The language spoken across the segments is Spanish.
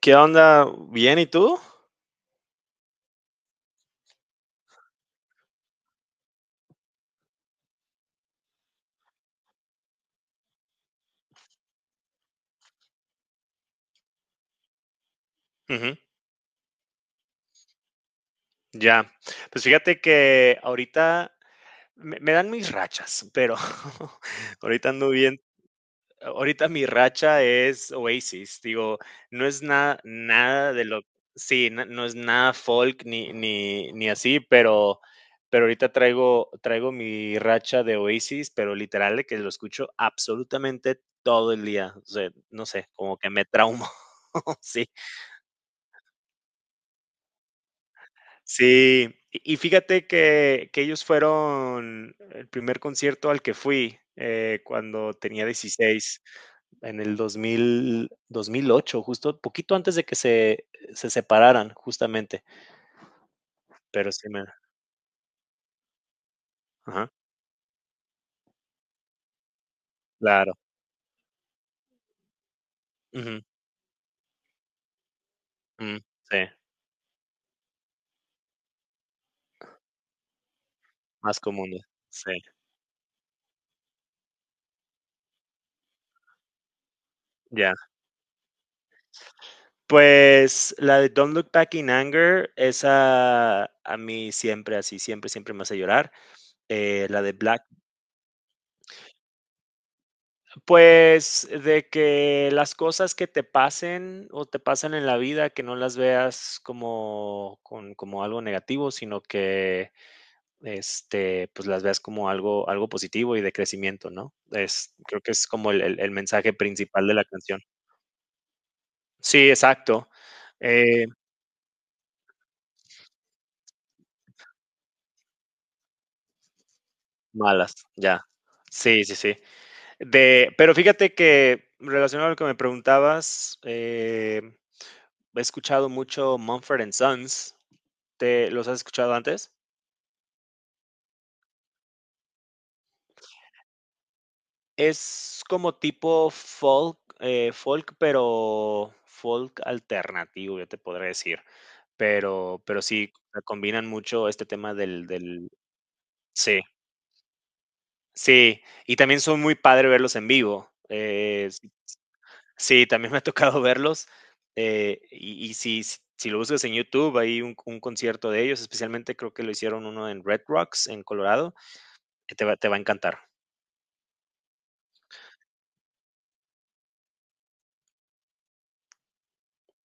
¿Qué onda? ¿Bien? ¿Y tú? Ujú, ya. Pues fíjate que ahorita me dan mis rachas, pero ahorita ando bien. Ahorita mi racha es Oasis. Digo, no es nada, nada de lo. Sí, no, es nada folk ni así, pero ahorita traigo mi racha de Oasis, pero literal de que lo escucho absolutamente todo el día. O sea, no sé, como que me traumo. Sí. Sí, y fíjate que ellos fueron el primer concierto al que fui, cuando tenía 16, en el 2008, justo poquito antes de que se separaran, justamente, pero sí me, ajá, claro, ujú, mm, sí, más comunes, sí, ya. Pues, la de Don't Look Back in Anger, esa a mí siempre así, siempre, siempre me hace llorar. La de Black. Pues, de que las cosas que te pasen o te pasan en la vida, que no las veas como algo negativo, sino que, pues, las veas como algo positivo y de crecimiento, ¿no? Es, creo que es como el mensaje principal de la canción. Sí, exacto. Eh, Malas, ya. Sí, sí, sí. De Pero fíjate que, relacionado a lo que me preguntabas, he escuchado mucho Mumford& and Sons. ¿Te los has escuchado antes? Es como tipo folk, pero folk alternativo, yo te podré decir. Pero sí, combinan mucho este tema del. Sí, sí, y también son muy padre verlos en vivo. S sí, también me ha tocado verlos, y si lo buscas en YouTube, hay un concierto de ellos, especialmente creo que lo hicieron uno en Red Rocks, en Colorado, que te va a encantar.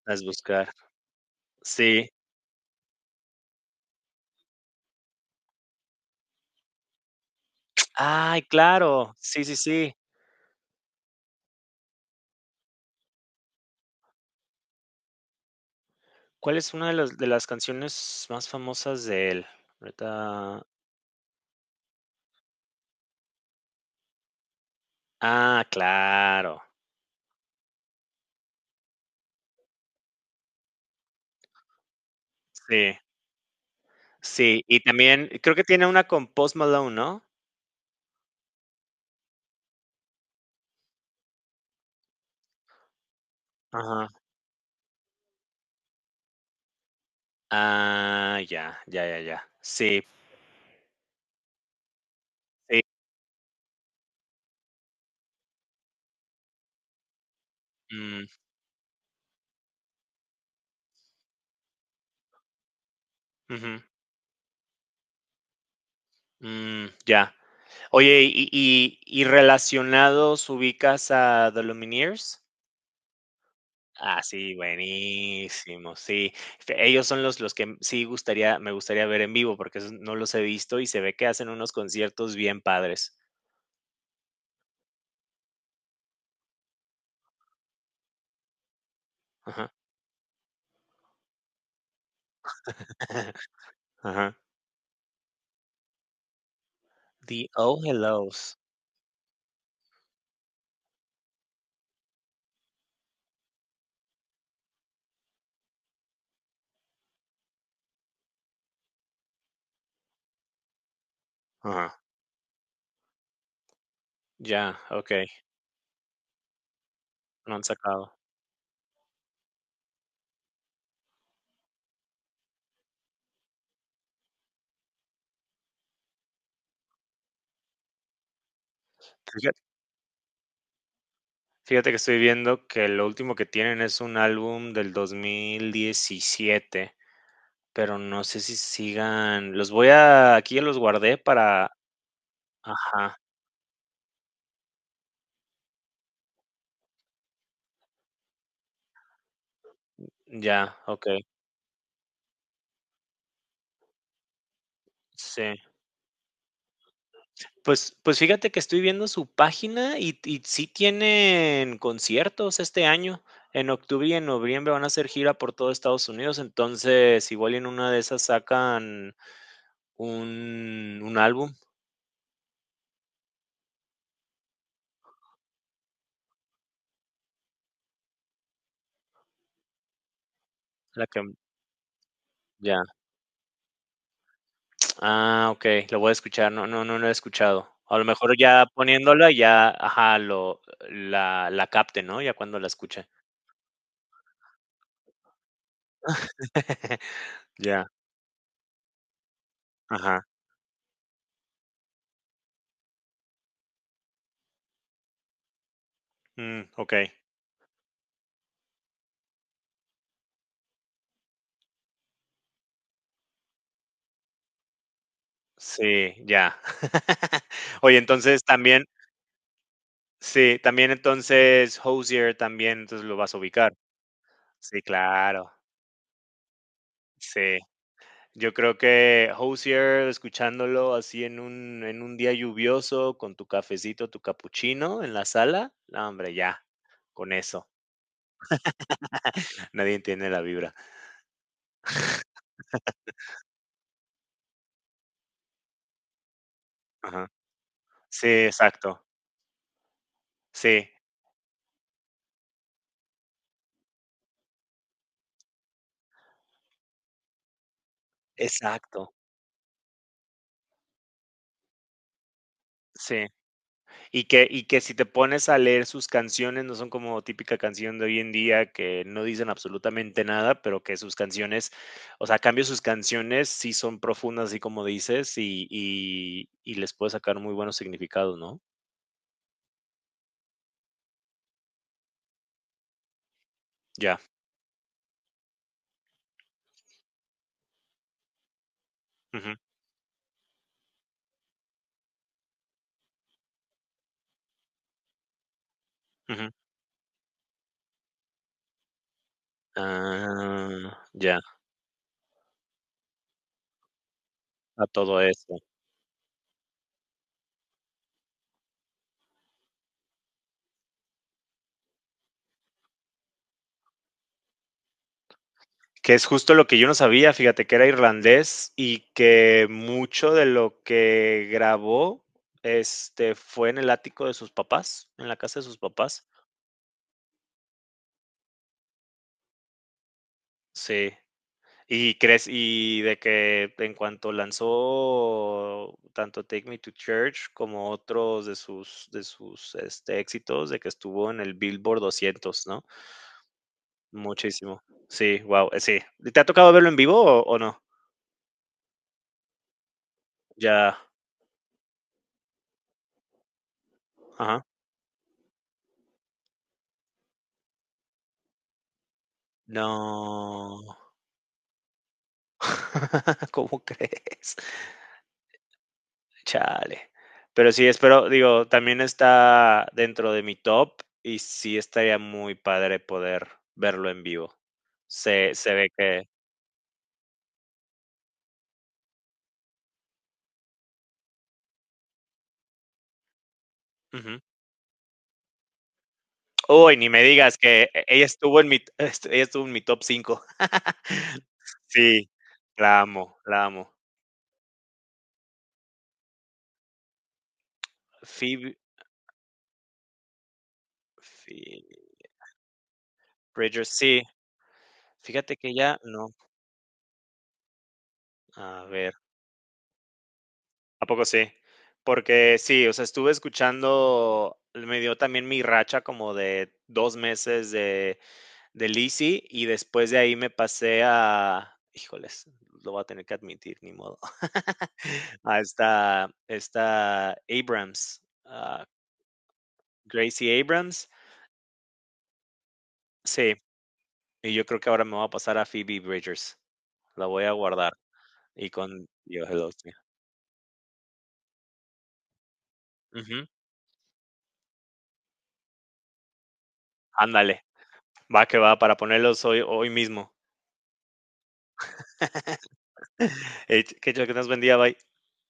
Las buscar. Sí. Ay, claro. Sí, sí, sí. ¿Cuál es una de las canciones más famosas de él? Ahorita. Ah, claro. Sí, sí. Y también creo que tiene una con Post Malone, ¿no? Ajá. Ah, ya, ya, ya, ya. Sí, sí. Mm, ujú. Mm, ya. Oye, y relacionados, ¿ubicas a The Lumineers? Ah, sí, buenísimo, sí. Fe Ellos son los que, sí gustaría me gustaría ver en vivo, porque esos no los he visto y se ve que hacen unos conciertos bien padres. Ajá. Ajá. The Oh Hellos. Ajá. Ya, okey, no han sacado. Fija Fíjate que estoy viendo que lo último que tienen es un álbum del 2017, pero no sé si sigan, los voy a aquí ya los guardé para, ajá, ya, okey, sí. Pues fíjate que estoy viendo su página y sí tienen conciertos este año. En octubre y en noviembre van a hacer gira por todo Estados Unidos, entonces igual y en una de esas sacan un álbum, la que ya. Ah, okey, lo voy a escuchar. No, no, no lo he escuchado. A lo mejor ya poniéndola, ya, ajá, lo la la capte, ¿no? Ya cuando la escuche. Ya, ajá. Mm, okey. Sí, ya. Oye, entonces también. Sí, también, entonces Hozier también, entonces lo vas a ubicar. Sí, claro. Sí. Yo creo que Hozier, escuchándolo así en un día lluvioso, con tu cafecito, tu capuchino en la sala, no, hombre, ya, con eso. Nadie entiende la vibra. Ajá. Sí, exacto. Sí, exacto. Sí. Y que si te pones a leer sus canciones, no son como típica canción de hoy en día que no dicen absolutamente nada, pero que sus canciones, o sea, a cambio, sus canciones sí son profundas, así como dices, y les puede sacar muy buenos significados, ¿no? Ya. Ujú, ujú. Ah, ya, a todo eso. Que es justo lo que yo no sabía, fíjate, que era irlandés y que mucho de lo que grabó, fue en el ático de sus papás, en la casa de sus papás. Sí. ¿Y crees, y de que en cuanto lanzó tanto Take Me to Church como otros de sus éxitos, de que estuvo en el Billboard 200, no? Muchísimo. Sí, wow. Sí. ¿Te ha tocado verlo en vivo o no? Ya. Ajá. No. ¿Cómo crees? Chale. Pero sí, espero, digo, también está dentro de mi top y sí estaría muy padre poder verlo en vivo. Se ve que, ujú. Uy, ni me digas que ella estuvo en mi est ella estuvo en mi top 5. Sí, la amo, la amo. Phoebe Phoebe Bridgers, sí, fíjate que ya no. A ver. ¿A poco sí? Porque sí, o sea, estuve escuchando, me dio también mi racha como de 2 meses de Lizzy, y después de ahí me pasé a, híjoles, lo voy a tener que admitir, ni modo. A esta Abrams, ah, Gracie Abrams. Sí, y yo creo que ahora me voy a pasar a Phoebe Bridgers. La voy a guardar y con Yo Hello, sí. Ujú, ándale, va que va, para ponerlos hoy mismo. Que Dios que nos bendiga, bye.